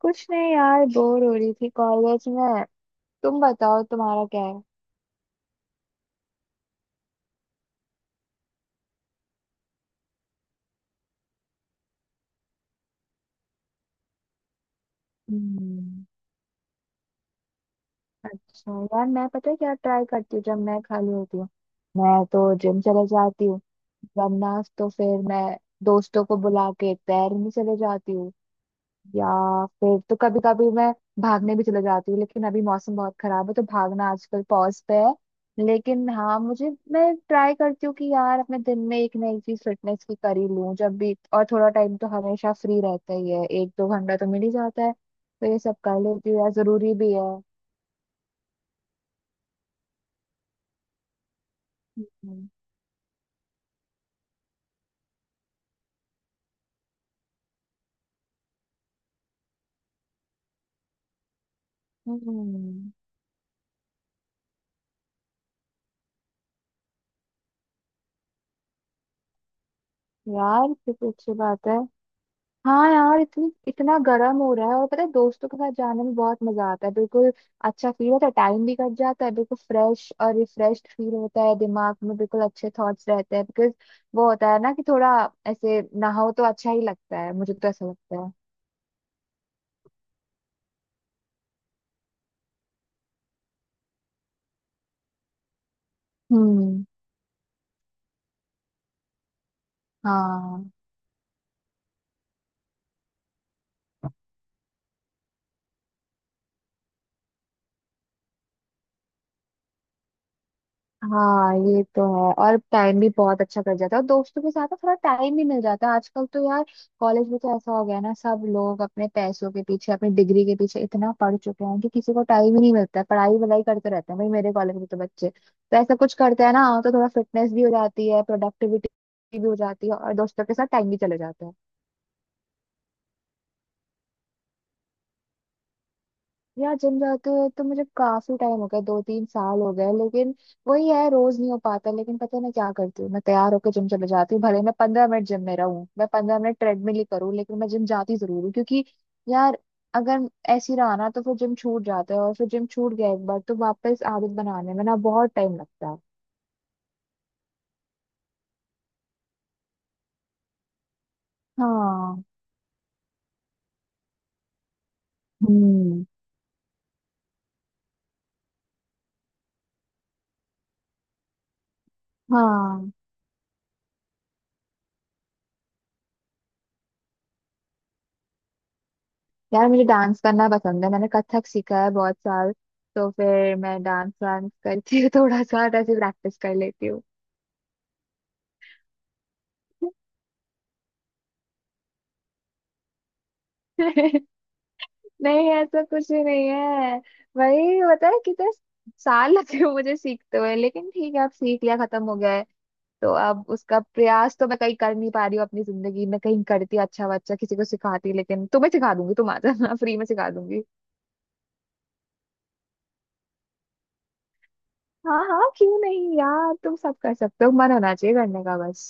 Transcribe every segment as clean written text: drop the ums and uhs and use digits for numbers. कुछ नहीं यार, बोर हो रही थी कॉलेज में। तुम बताओ, तुम्हारा क्या है? हम्म। अच्छा यार, मैं पता है क्या ट्राई करती हूँ जब मैं खाली होती हूँ। मैं तो जिम चले जाती हूँ, वरना तो फिर मैं दोस्तों को बुला के तैरने चले जाती हूँ, या फिर तो कभी कभी मैं भागने भी चले जाती हूँ। लेकिन अभी मौसम बहुत खराब है तो भागना आजकल पॉज पे है। लेकिन हाँ, मुझे मैं ट्राई करती हूँ कि यार अपने दिन में एक नई चीज फिटनेस की कर ही लूँ जब भी, और थोड़ा टाइम तो हमेशा फ्री रहता ही है, एक दो घंटा तो मिल ही जाता है, तो ये सब कर लेती हूँ यार, जरूरी भी है। हम्म। हम्म, यार ये तो अच्छी बात है। हाँ यार, इतनी इतना गर्म हो रहा है, और पता है दोस्तों के साथ जाने में बहुत मजा आता है, बिल्कुल अच्छा फील होता है, टाइम भी कट जाता है, बिल्कुल फ्रेश और रिफ्रेश फील होता है, दिमाग में बिल्कुल अच्छे थॉट्स रहते हैं बिकॉज वो होता है ना कि थोड़ा ऐसे नहाओ तो अच्छा ही लगता है, मुझे तो ऐसा लगता है। हम्म। हाँ। हाँ, ये तो है, और टाइम भी बहुत अच्छा कट जाता है, और दोस्तों के साथ ना थोड़ा टाइम भी मिल जाता है आजकल तो यार। कॉलेज में तो ऐसा हो गया है ना, सब लोग अपने पैसों के पीछे अपनी डिग्री के पीछे इतना पढ़ चुके हैं कि किसी को टाइम ही नहीं मिलता है, पढ़ाई वढ़ाई करते रहते हैं भाई, मेरे कॉलेज में तो बच्चे तो ऐसा कुछ करते हैं ना, तो थोड़ा फिटनेस भी हो जाती है, प्रोडक्टिविटी भी हो जाती है, और दोस्तों के साथ टाइम भी चले जाता है। यार जिम जाते हुए तो मुझे काफी टाइम हो गया, दो तीन साल हो गए। लेकिन वही है, रोज नहीं हो पाता। लेकिन पता है मैं क्या करती हूँ, मैं तैयार होकर जिम चले जाती हूँ, भले मैं 15 मिनट जिम में रहूँ, मैं 15 मिनट ट्रेडमिल ही करूँ, लेकिन मैं जिम जाती जरूर हूँ, क्योंकि यार अगर ऐसी रहा ना तो फिर जिम छूट जाता है, और फिर जिम छूट गया एक बार तो वापस आदत बनाने में ना बहुत टाइम लगता है। हाँ। हम्म। हाँ, यार मुझे डांस करना पसंद है, मैंने कथक सीखा है बहुत साल। तो फिर मैं डांस वांस करके थोड़ा सा ऐसे प्रैक्टिस कर लेती हूँ। नहीं, ऐसा कुछ भी नहीं है। वही होता है, कितने साल लगे हुए मुझे सीखते हुए, लेकिन ठीक है, अब सीख लिया, खत्म हो गया है। तो अब उसका प्रयास तो मैं कहीं कर नहीं पा रही हूँ अपनी जिंदगी में, कहीं करती अच्छा बच्चा किसी को सिखाती, लेकिन तुम्हें सिखा दूंगी, तुम आ जाना, फ्री में सिखा दूंगी। हाँ हाँ, क्यों नहीं यार, तुम सब कर सकते हो, मन होना चाहिए करने का बस।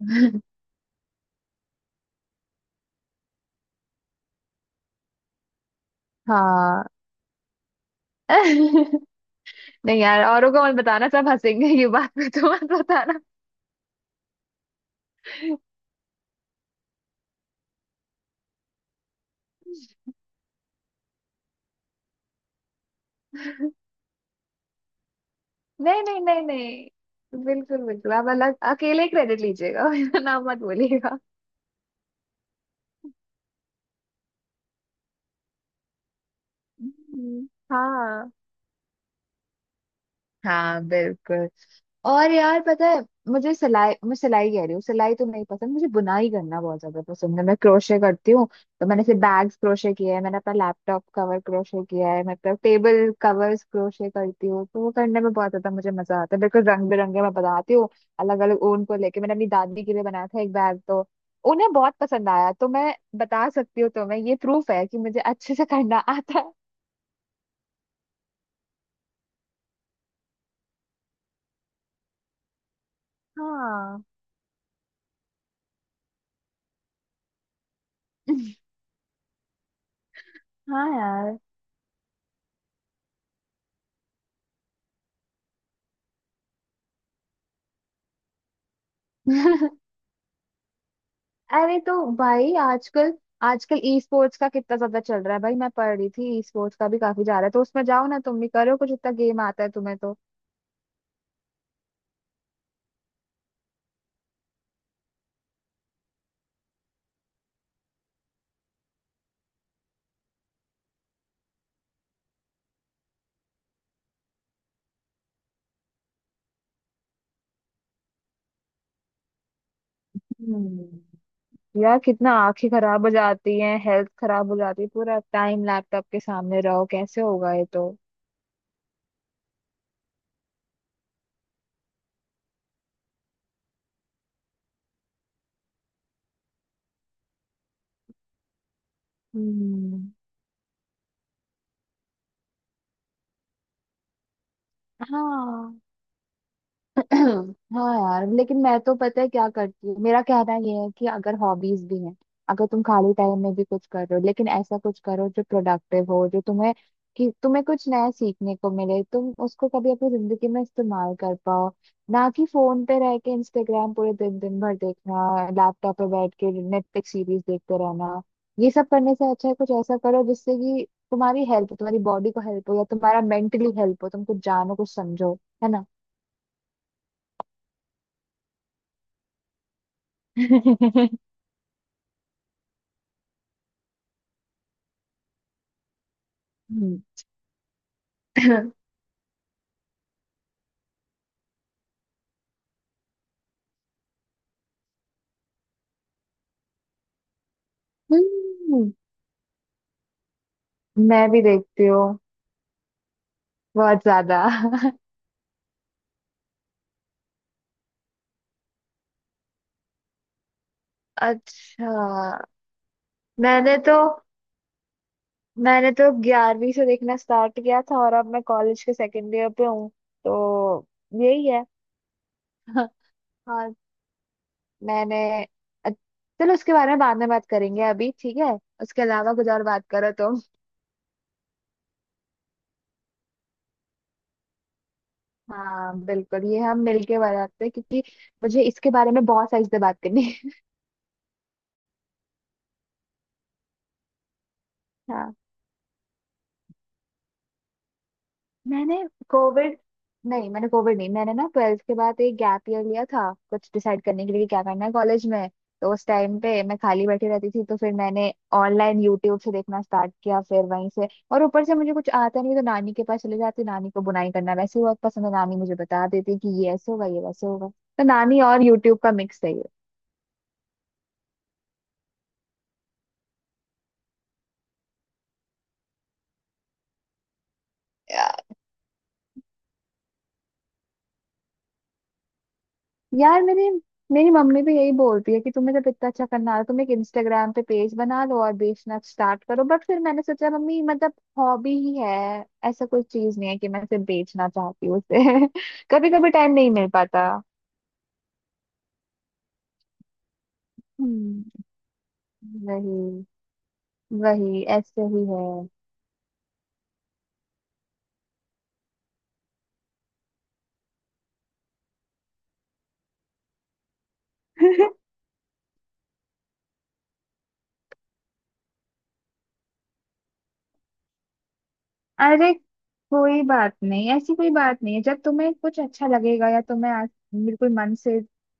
हाँ। नहीं यार, औरों को मत बताना, सब हंसेंगे ये बात पे, तो मत बताना। नहीं नहीं नहीं नहीं, बिल्कुल बिल्कुल, आप अलग अकेले क्रेडिट लीजिएगा, मेरा नाम मत बोलिएगा। हम्म। हाँ। हाँ, बिल्कुल। और यार पता है, मुझे सिलाई, मैं सिलाई कह रही हूँ, सिलाई तो नहीं पसंद, मुझे बुनाई करना बहुत ज्यादा पसंद है, मैं क्रोशे करती हूँ। तो मैंने से बैग्स क्रोशे किया है, मैंने अपना लैपटॉप कवर क्रोशे किया है, मतलब टेबल कवर्स क्रोशे करती हूँ, तो वो करने में बहुत ज्यादा मुझे मजा आता है, बिल्कुल रंग बिरंगे मैं बनाती हूँ, अलग अलग ऊन को लेके। मैंने अपनी दादी के लिए बनाया था एक बैग, तो उन्हें बहुत पसंद आया, तो मैं बता सकती हूँ तुम्हें, ये प्रूफ है कि मुझे अच्छे से करना आता। हाँ। है। हाँ। हाँ यार। अरे तो भाई, आजकल आजकल ई स्पोर्ट्स का कितना ज्यादा चल रहा है भाई, मैं पढ़ रही थी ई स्पोर्ट्स का भी काफी जा रहा है, तो उसमें जाओ ना, तुम भी करो कुछ, इतना गेम आता है तुम्हें तो। हम्म। यार कितना आंखें खराब हो जाती हैं, हेल्थ खराब हो जाती है, पूरा टाइम लैपटॉप के सामने रहो, कैसे होगा ये तो। हम्म। हाँ। हाँ यार, लेकिन मैं तो पता है क्या करती हूँ, मेरा कहना ये है कि अगर हॉबीज भी हैं, अगर तुम खाली टाइम में भी कुछ कर रहे हो, लेकिन ऐसा कुछ करो जो प्रोडक्टिव हो, जो तुम्हें कि तुम्हें कुछ नया सीखने को मिले, तुम उसको कभी अपनी जिंदगी में इस्तेमाल कर पाओ, ना कि फोन पे रह के इंस्टाग्राम पूरे दिन दिन भर देखना, लैपटॉप पे बैठ के नेटफ्लिक्स सीरीज देखते रहना, ये सब करने से अच्छा है कुछ ऐसा करो जिससे कि तुम्हारी हेल्प, तुम्हारी बॉडी को हेल्प हो, या तुम्हारा मेंटली हेल्प हो, तुम कुछ जानो कुछ समझो, है ना। हम्म। हम्म, मैं भी देखती हूँ बहुत ज्यादा। अच्छा। मैंने तो मैंने तो 11वीं से देखना स्टार्ट किया था, और अब मैं कॉलेज के सेकेंड ईयर पे हूँ, तो यही है। हाँ। मैंने अ- चलो उसके बारे में बाद में बात करेंगे अभी, ठीक है। उसके अलावा कुछ और बात करो तुम। हाँ बिल्कुल, ये हम मिलके बात करते हैं, क्योंकि मुझे इसके बारे में बहुत सारी से बात करनी है। हाँ। मैंने कोविड नहीं, मैंने कोविड नहीं, मैंने ना ट्वेल्थ के बाद एक गैप ईयर लिया था कुछ डिसाइड करने के लिए कि क्या करना है कॉलेज में। तो उस टाइम पे मैं खाली बैठी रहती थी, तो फिर मैंने ऑनलाइन यूट्यूब से देखना स्टार्ट किया, फिर वहीं से, और ऊपर से मुझे कुछ आता नहीं, तो नानी के पास चले जाती, नानी को बुनाई करना वैसे ही बहुत पसंद है, नानी मुझे बता देती कि ये ऐसे होगा ये वैसे होगा, तो नानी और यूट्यूब का मिक्स है। ये यार, मेरी मेरी मम्मी भी यही बोलती है कि तुम्हें जब इतना अच्छा करना आ रहा है, तुम एक इंस्टाग्राम पे पेज बना लो और बेचना स्टार्ट करो, बट फिर मैंने सोचा मम्मी मतलब हॉबी ही है, ऐसा कोई चीज नहीं है कि मैं सिर्फ बेचना चाहती हूँ उसे, कभी कभी टाइम नहीं मिल पाता। हम्म। वही वही ऐसे ही है। अरे कोई बात नहीं, ऐसी कोई बात नहीं है, जब तुम्हें कुछ अच्छा लगेगा, या तुम्हें आज बिल्कुल मन से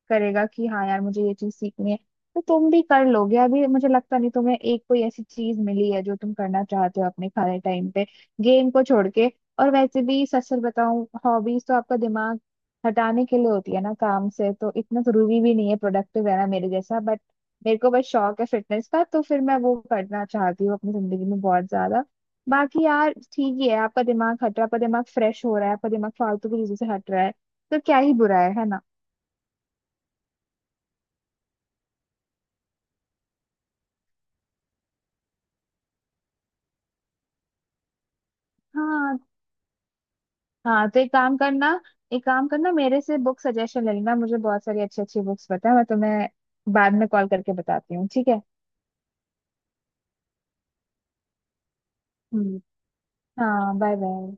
करेगा कि हाँ यार मुझे ये चीज सीखनी है, तो तुम भी कर लोगे। अभी मुझे लगता नहीं तुम्हें एक कोई ऐसी चीज मिली है जो तुम करना चाहते हो अपने खाली टाइम पे, गेम को छोड़ के। और वैसे भी, सच सच बताऊं, हॉबीज तो आपका दिमाग हटाने के लिए होती है ना काम से, तो इतना जरूरी भी नहीं है प्रोडक्टिव रहना मेरे जैसा, बट मेरे को बस शौक है फिटनेस का, तो फिर मैं वो करना चाहती हूँ अपनी जिंदगी में बहुत ज्यादा। बाकी यार ठीक ही है, आपका दिमाग हट रहा है, आपका दिमाग फ्रेश हो रहा है, आपका दिमाग फालतू की चीजों से हट रहा है, तो क्या ही बुरा है ना। हाँ। हाँ, तो एक काम करना, एक काम करना, मेरे से बुक सजेशन ले लेना, मुझे बहुत सारी अच्छी अच्छी बुक्स पता है, मैं तुम्हें बाद में कॉल करके बताती हूँ, ठीक है। हम्म। हाँ, बाय बाय।